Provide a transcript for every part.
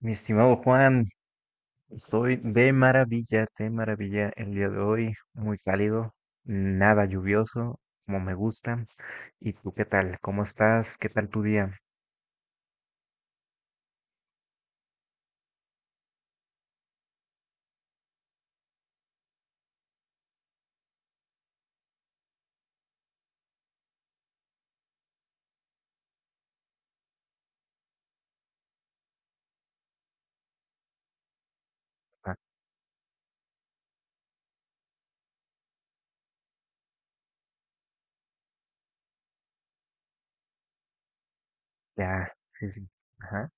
Mi estimado Juan, estoy de maravilla el día de hoy, muy cálido, nada lluvioso, como me gusta. ¿Y tú qué tal? ¿Cómo estás? ¿Qué tal tu día? Ah, ya, sí, sí. Ajá.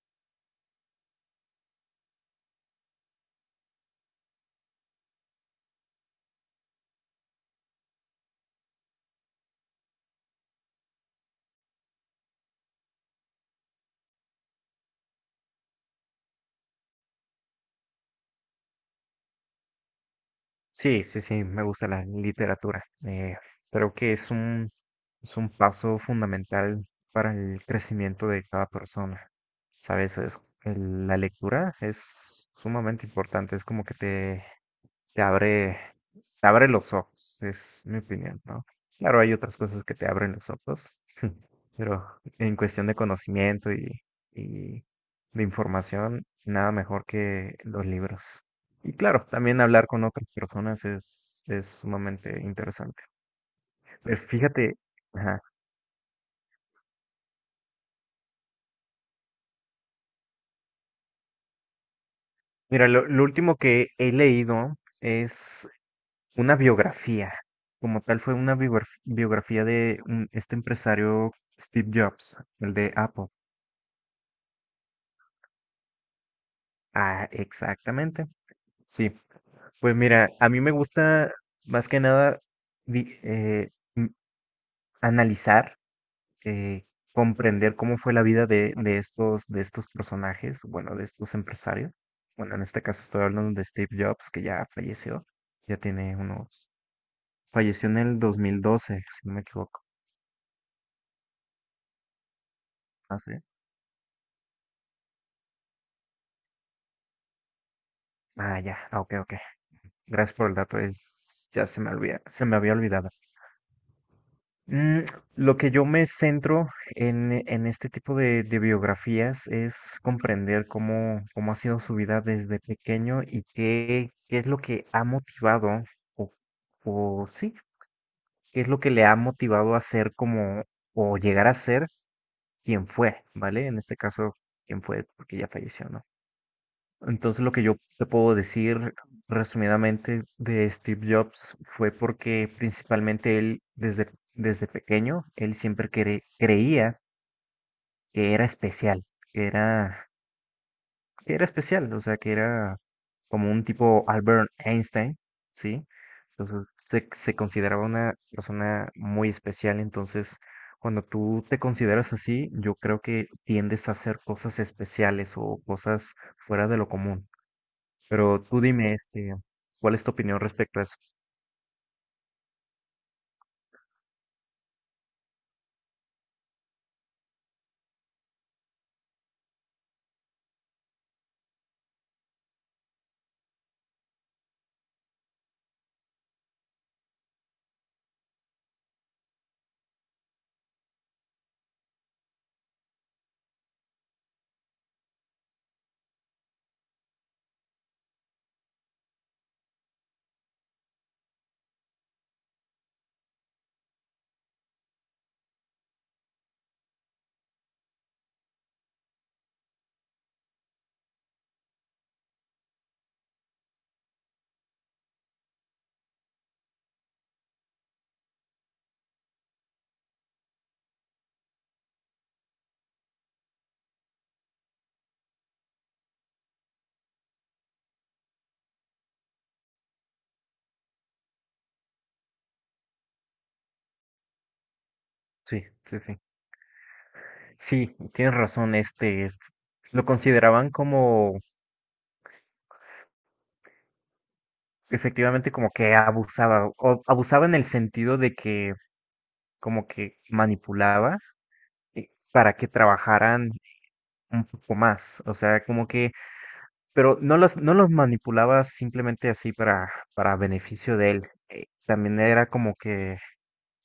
Sí, sí, sí, me gusta la literatura. Creo que es es un paso fundamental para el crecimiento de cada persona. Sabes, la lectura es sumamente importante, es como que te abre, te abre los ojos, es mi opinión, ¿no? Claro, hay otras cosas que te abren los ojos, pero en cuestión de conocimiento y de información, nada mejor que los libros. Y claro, también hablar con otras personas es sumamente interesante. Fíjate, ajá. Mira, lo último que he leído es una biografía, como tal fue una biografía de este empresario Steve Jobs, el de Apple. Ah, exactamente. Sí, pues mira, a mí me gusta más que nada di- eh, m- analizar, eh, comprender cómo fue la vida de estos personajes, bueno, de estos empresarios. Bueno, en este caso estoy hablando de Steve Jobs, que ya falleció, ya tiene unos, falleció en el 2012 si no me equivoco. ¿Ah, sí? Ah, ya, ah, ok, ok. Gracias por el dato, es, ya se me olvida, se me había olvidado. Mm, lo que yo me centro en este tipo de biografías es comprender cómo, cómo ha sido su vida desde pequeño y qué, qué es lo que ha motivado, o, o sí, qué es lo que le ha motivado a ser como, o llegar a ser quien fue, ¿vale? En este caso, quien fue, porque ya falleció, ¿no? Entonces, lo que yo te puedo decir resumidamente de Steve Jobs fue porque principalmente él, desde, desde pequeño, él siempre creía que era especial, que era, que era especial, o sea, que era como un tipo Albert Einstein, ¿sí? Entonces, se consideraba una persona muy especial, entonces, cuando tú te consideras así, yo creo que tiendes a hacer cosas especiales o cosas fuera de lo común. Pero tú dime, este, ¿cuál es tu opinión respecto a eso? Sí, sí, sí. Sí, tienes razón, lo consideraban como, efectivamente, como que abusaba, o abusaba en el sentido de que como que manipulaba para que trabajaran un poco más, o sea, como que, pero no no los manipulaba simplemente así para beneficio de él, también era como que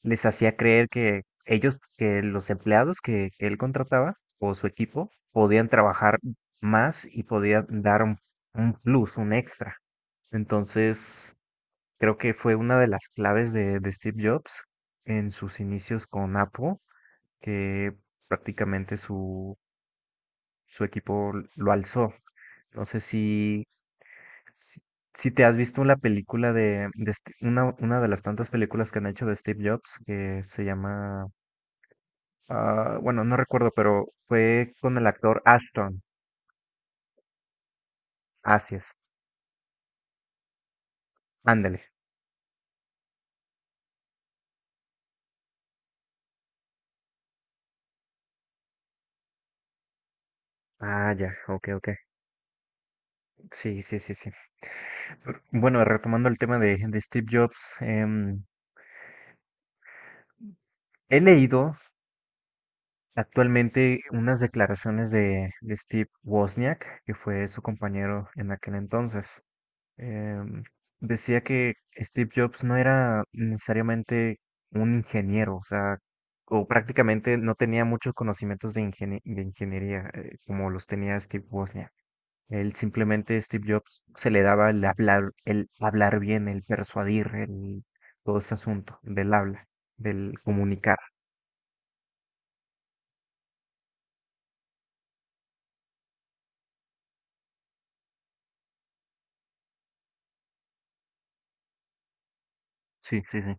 les hacía creer que ellos, que los empleados que él contrataba o su equipo podían trabajar más y podían dar un plus, un extra. Entonces, creo que fue una de las claves de Steve Jobs en sus inicios con Apple, que prácticamente su, su equipo lo alzó. No sé si, si te has visto la película de una de las tantas películas que han hecho de Steve Jobs, que se llama. Ah, bueno, no recuerdo, pero fue con el actor Ashton. Así es. Ándale. Ah, ya, ok, ok. Sí, sí, sí, sí. Bueno, retomando el tema de Steve Jobs, he leído actualmente unas declaraciones de Steve Wozniak, que fue su compañero en aquel entonces. em, Decía que Steve Jobs no era necesariamente un ingeniero, o sea, o prácticamente no tenía muchos conocimientos de ingeniería, como los tenía Steve Wozniak. Él simplemente, Steve Jobs, se le daba el hablar bien, el persuadir, el, todo ese asunto del habla, del comunicar. Sí, sí, sí.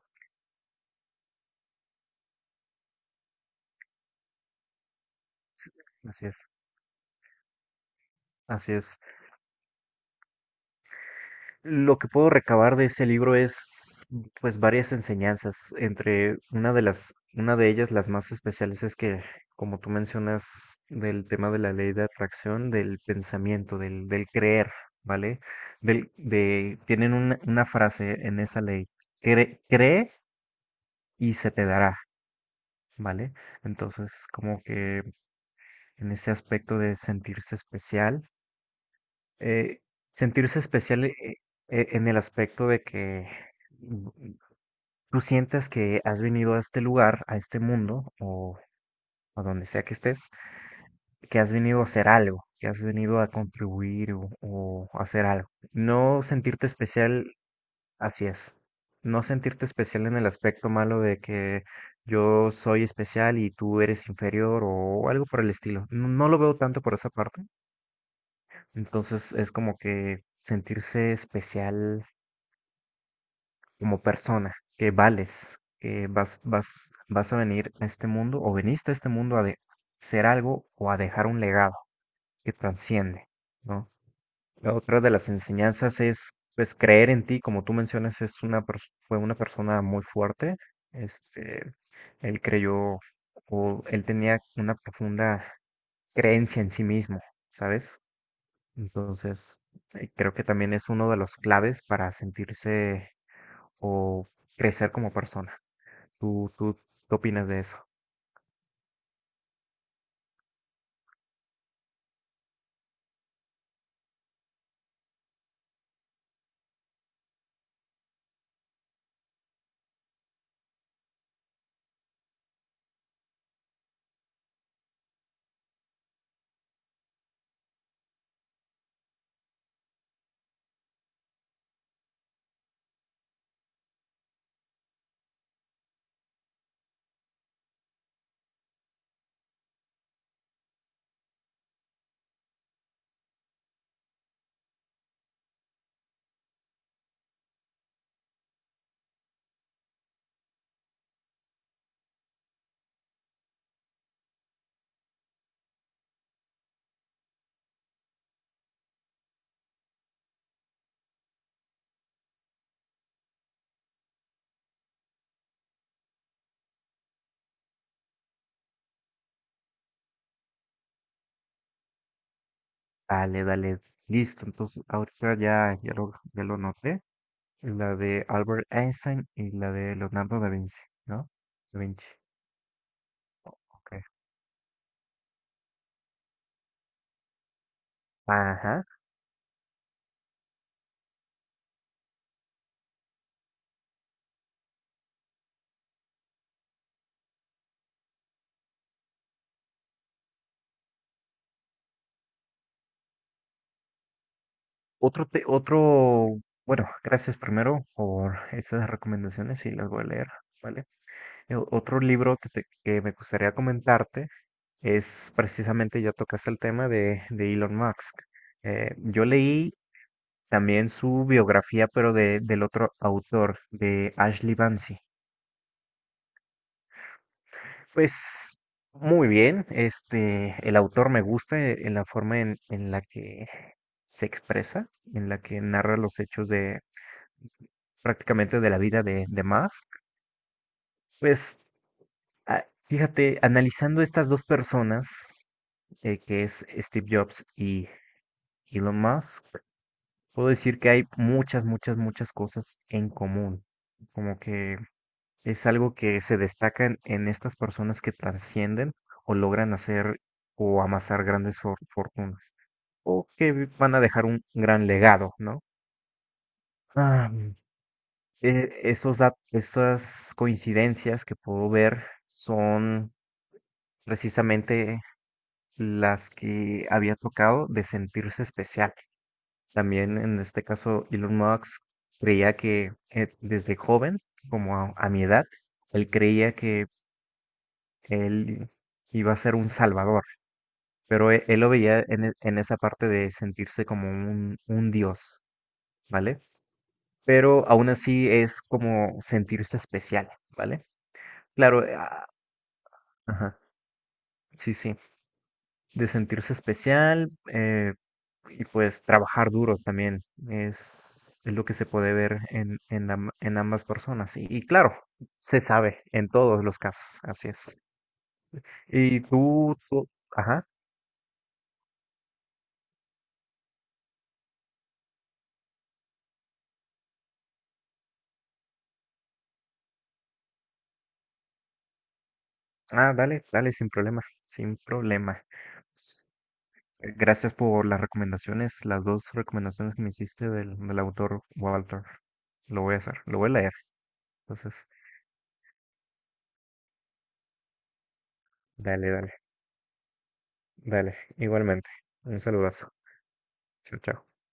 Sí, así es, así es. Lo que puedo recabar de ese libro es, pues, varias enseñanzas. Entre una de las, una de ellas, las más especiales, es que, como tú mencionas, del tema de la ley de atracción, del pensamiento, del creer, ¿vale? Tienen una frase en esa ley, cree, cree y se te dará, ¿vale? Entonces, como que en ese aspecto de sentirse especial, eh, sentirse especial, en el aspecto de que tú sientes que has venido a este lugar, a este mundo, o a donde sea que estés, que has venido a hacer algo, que has venido a contribuir o hacer algo. No sentirte especial, así es. No sentirte especial en el aspecto malo de que yo soy especial y tú eres inferior o algo por el estilo. No, no lo veo tanto por esa parte. Entonces es como que sentirse especial como persona, que vales, que vas a venir a este mundo o veniste a este mundo a ser algo o a dejar un legado que trasciende, ¿no? La otra de las enseñanzas es, pues, creer en ti, como tú mencionas, es una fue una persona muy fuerte, este, él creyó o él tenía una profunda creencia en sí mismo, ¿sabes? Entonces, creo que también es uno de los claves para sentirse o crecer como persona. ¿Tú qué opinas de eso? Dale, dale. Listo, entonces ahorita ya lo noté. La de Albert Einstein y la de Leonardo da Vinci, ¿no? Da Vinci, ok. Ajá. Otro, bueno, gracias primero por esas recomendaciones y las voy a leer, ¿vale? El otro libro que me gustaría comentarte es precisamente, ya tocaste el tema de Elon Musk. Yo leí también su biografía, pero del otro autor, de Ashley Bansi. Pues muy bien, este, el autor me gusta, en la forma en la que se expresa, en la que narra los hechos de prácticamente de la vida de Musk. Pues ah, fíjate, analizando estas dos personas, que es Steve Jobs y Elon Musk, puedo decir que hay muchas, muchas, muchas cosas en común. Como que es algo que se destaca en estas personas que trascienden o logran hacer o amasar grandes fortunas o que van a dejar un gran legado, ¿no? Ah, estas coincidencias que puedo ver son precisamente las que había tocado de sentirse especial. También en este caso Elon Musk creía que, desde joven, como a mi edad, él creía que él iba a ser un salvador, pero él lo veía en esa parte de sentirse como un dios, ¿vale? Pero aún así es como sentirse especial, ¿vale? Claro, ah, ajá, sí, sí, de sentirse especial, y pues trabajar duro también es lo que se puede ver en ambas personas. Y claro, se sabe en todos los casos, así es. Y ajá. Ah, dale, dale, sin problema, sin problema. Pues, gracias por las recomendaciones, las dos recomendaciones que me hiciste del autor Walter. Lo voy a hacer, lo voy a leer. Entonces, dale, dale, dale. Igualmente, un saludazo. Chao, chao.